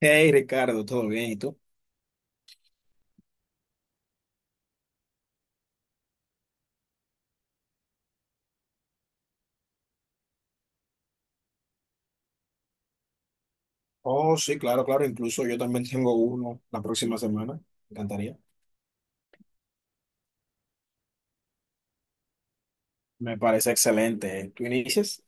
Hey Ricardo, ¿todo bien? ¿Y tú? Oh, sí, claro, claro. Incluso yo también tengo uno la próxima semana. Me encantaría. Me parece excelente. ¿Tú inicias?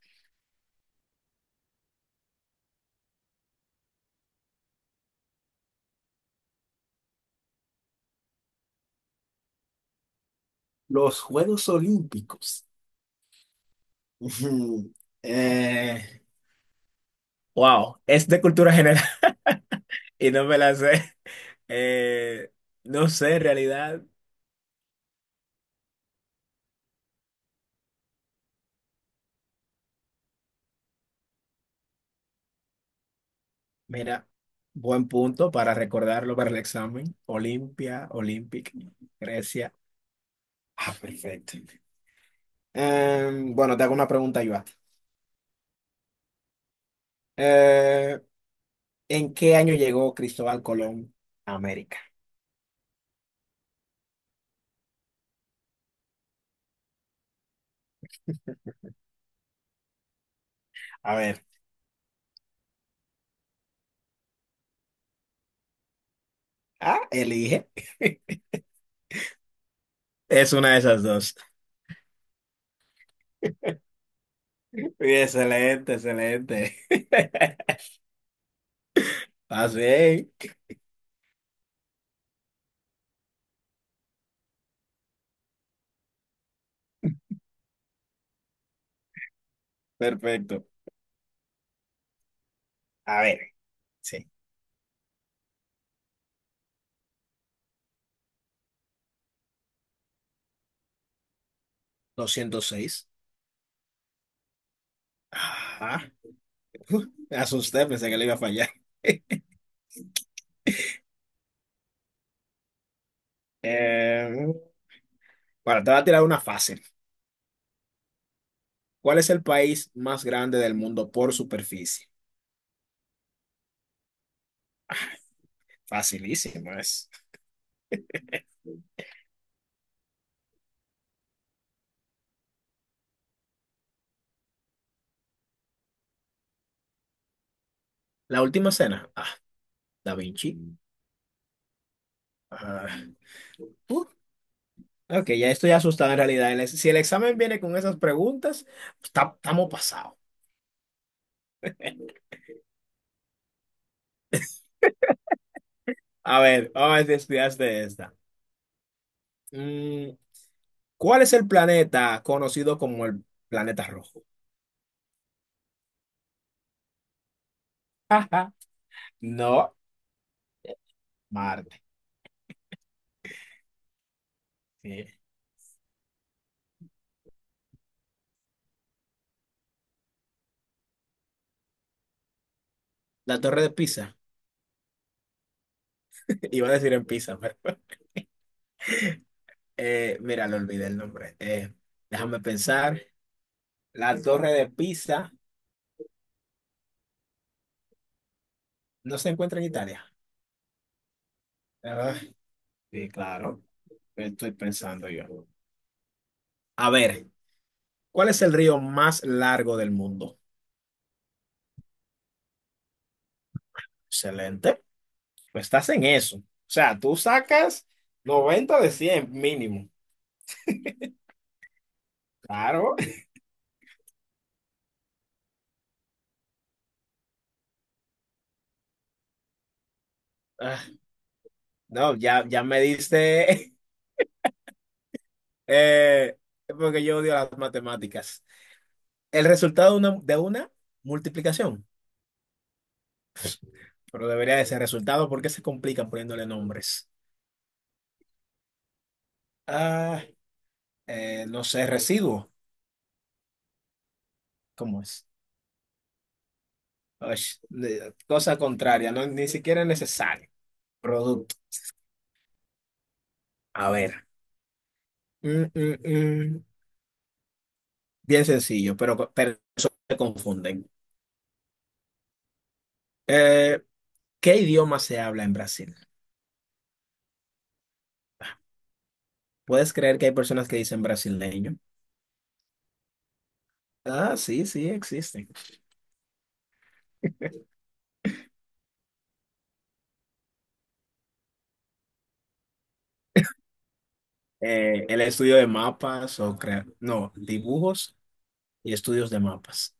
Los Juegos Olímpicos. Ujú. Eh, wow, es de cultura general y no me la sé. Eh, no sé, en realidad, mira, buen punto para recordarlo para el examen. Olimpia, Olympic, Grecia. Ah, perfecto. Bueno, te hago una pregunta, Iván. ¿En qué año llegó Cristóbal Colón a América? A ver, ah, elige. Es una de esas dos. Muy excelente, excelente. Así, es. Perfecto. A ver, sí, 206. Ah, me asusté, pensé que le iba a fallar. Eh, bueno, te voy a tirar una fácil. ¿Cuál es el país más grande del mundo por superficie? Facilísimo es. La última cena. Ah, Da Vinci. Ah, ok, ya estoy asustado en realidad. Si el examen viene con esas preguntas, estamos pasados. A ver, vamos a ver si estudiaste esta. Mm, ¿cuál es el planeta conocido como el planeta rojo? No, Marte. Sí. La Torre de Pisa. Iba a decir en Pisa, pero mira, le olvidé el nombre. Déjame pensar. La Torre de Pisa no se encuentra en Italia. Ah, sí, claro. Estoy pensando yo. A ver, ¿cuál es el río más largo del mundo? Excelente. Pues estás en eso. O sea, tú sacas 90 de 100 mínimo. Claro. Ah, no, ya, ya me diste, eh, porque yo odio las matemáticas. El resultado de una multiplicación, pero debería de ser resultado porque se complican poniéndole nombres. Ah, no sé, residuo. ¿Cómo es? Osh, cosa contraria, no, ni siquiera es necesario. Producto. A ver. Mm, mm, mm. Bien sencillo, pero personas se confunden. Eh, ¿Qué idioma se habla en Brasil? ¿Puedes creer que hay personas que dicen brasileño? Ah, sí, sí, existen. El estudio de mapas o crear, no, dibujos y estudios de mapas.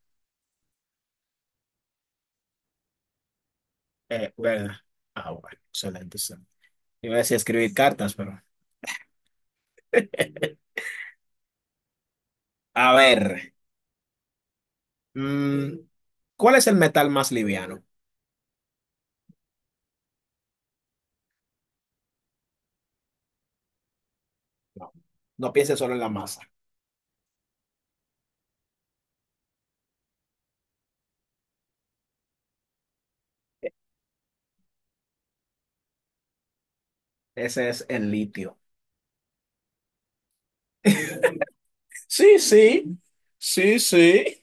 ¿Verdad? Ah, bueno, excelente. Sí. Iba a decir escribir cartas, pero. A ver, mm, ¿cuál es el metal más liviano? No, no pienses solo en la masa. Ese es el litio. Sí, sí, sí, sí.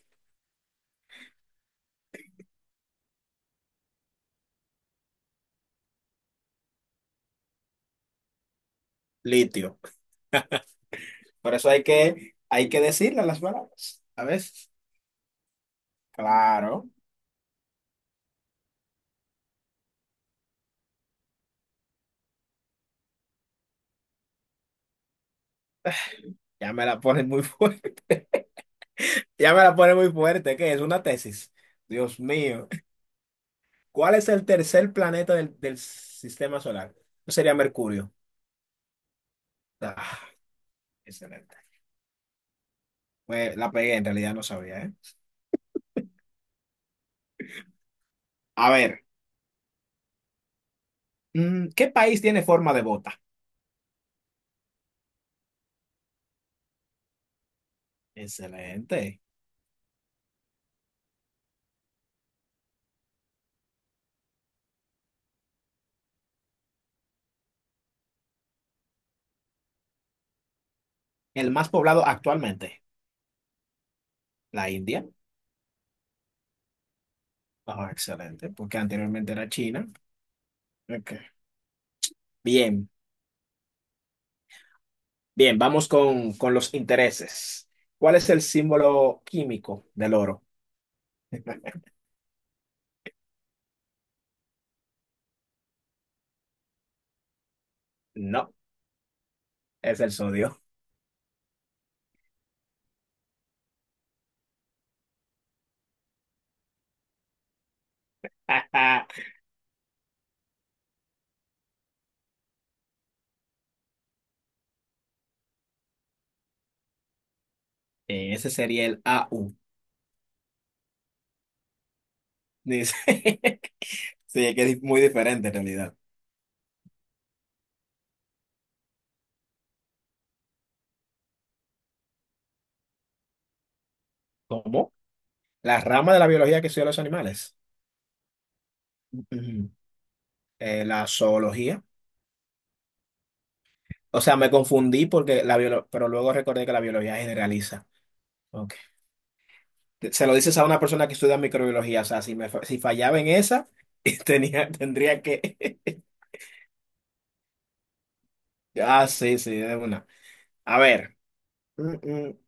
Litio. Por eso hay que decirle las palabras. A veces. Claro. Ya me la ponen muy fuerte. Ya me la ponen muy fuerte. ¿Qué es? Una tesis. Dios mío. ¿Cuál es el tercer planeta del sistema solar? Eso sería Mercurio. Ah, excelente. Pues la pegué, en realidad no sabía, ¿eh? A ver, mm, ¿qué país tiene forma de bota? Excelente. El más poblado actualmente. La India. Ah, excelente, porque anteriormente era China. Ok. Bien. Bien, vamos con los intereses. ¿Cuál es el símbolo químico del oro? No, es el sodio. Ese sería el AU. Dice. Sí, es que es muy diferente en realidad. ¿Cómo? La rama de la biología que estudia los animales. Ujú. La zoología. O sea, me confundí porque la pero luego recordé que la biología generaliza. Ok. Se lo dices a una persona que estudia microbiología. O sea, si fallaba en esa, tendría que... Ah, sí, sí, de una. A ver, mm, mm,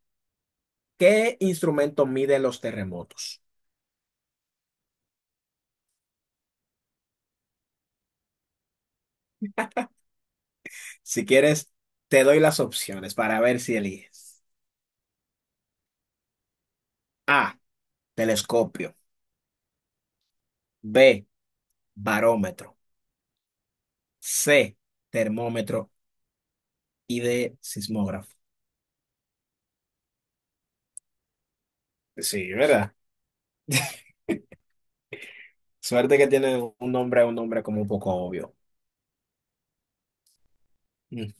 ¿qué instrumento mide los terremotos? Si quieres, te doy las opciones para ver si eliges. A, telescopio. B, barómetro. C, termómetro. Y D, sismógrafo. Sí, ¿verdad? Suerte que tiene un nombre como un poco obvio. Mm.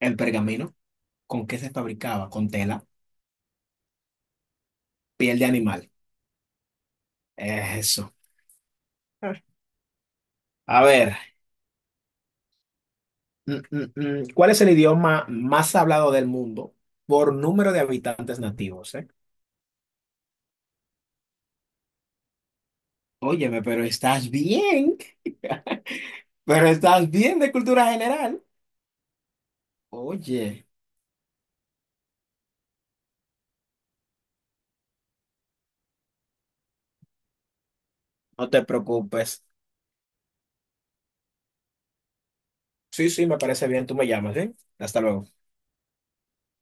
El pergamino, ¿con qué se fabricaba? Con tela, piel de animal. Eso. Ah. A ver. Mm. ¿Cuál es el idioma más hablado del mundo por número de habitantes nativos, eh? Óyeme, pero estás bien, pero estás bien de cultura general. Oye, no te preocupes. Sí, sí, me parece bien, tú me llamas, ¿eh? Hasta luego.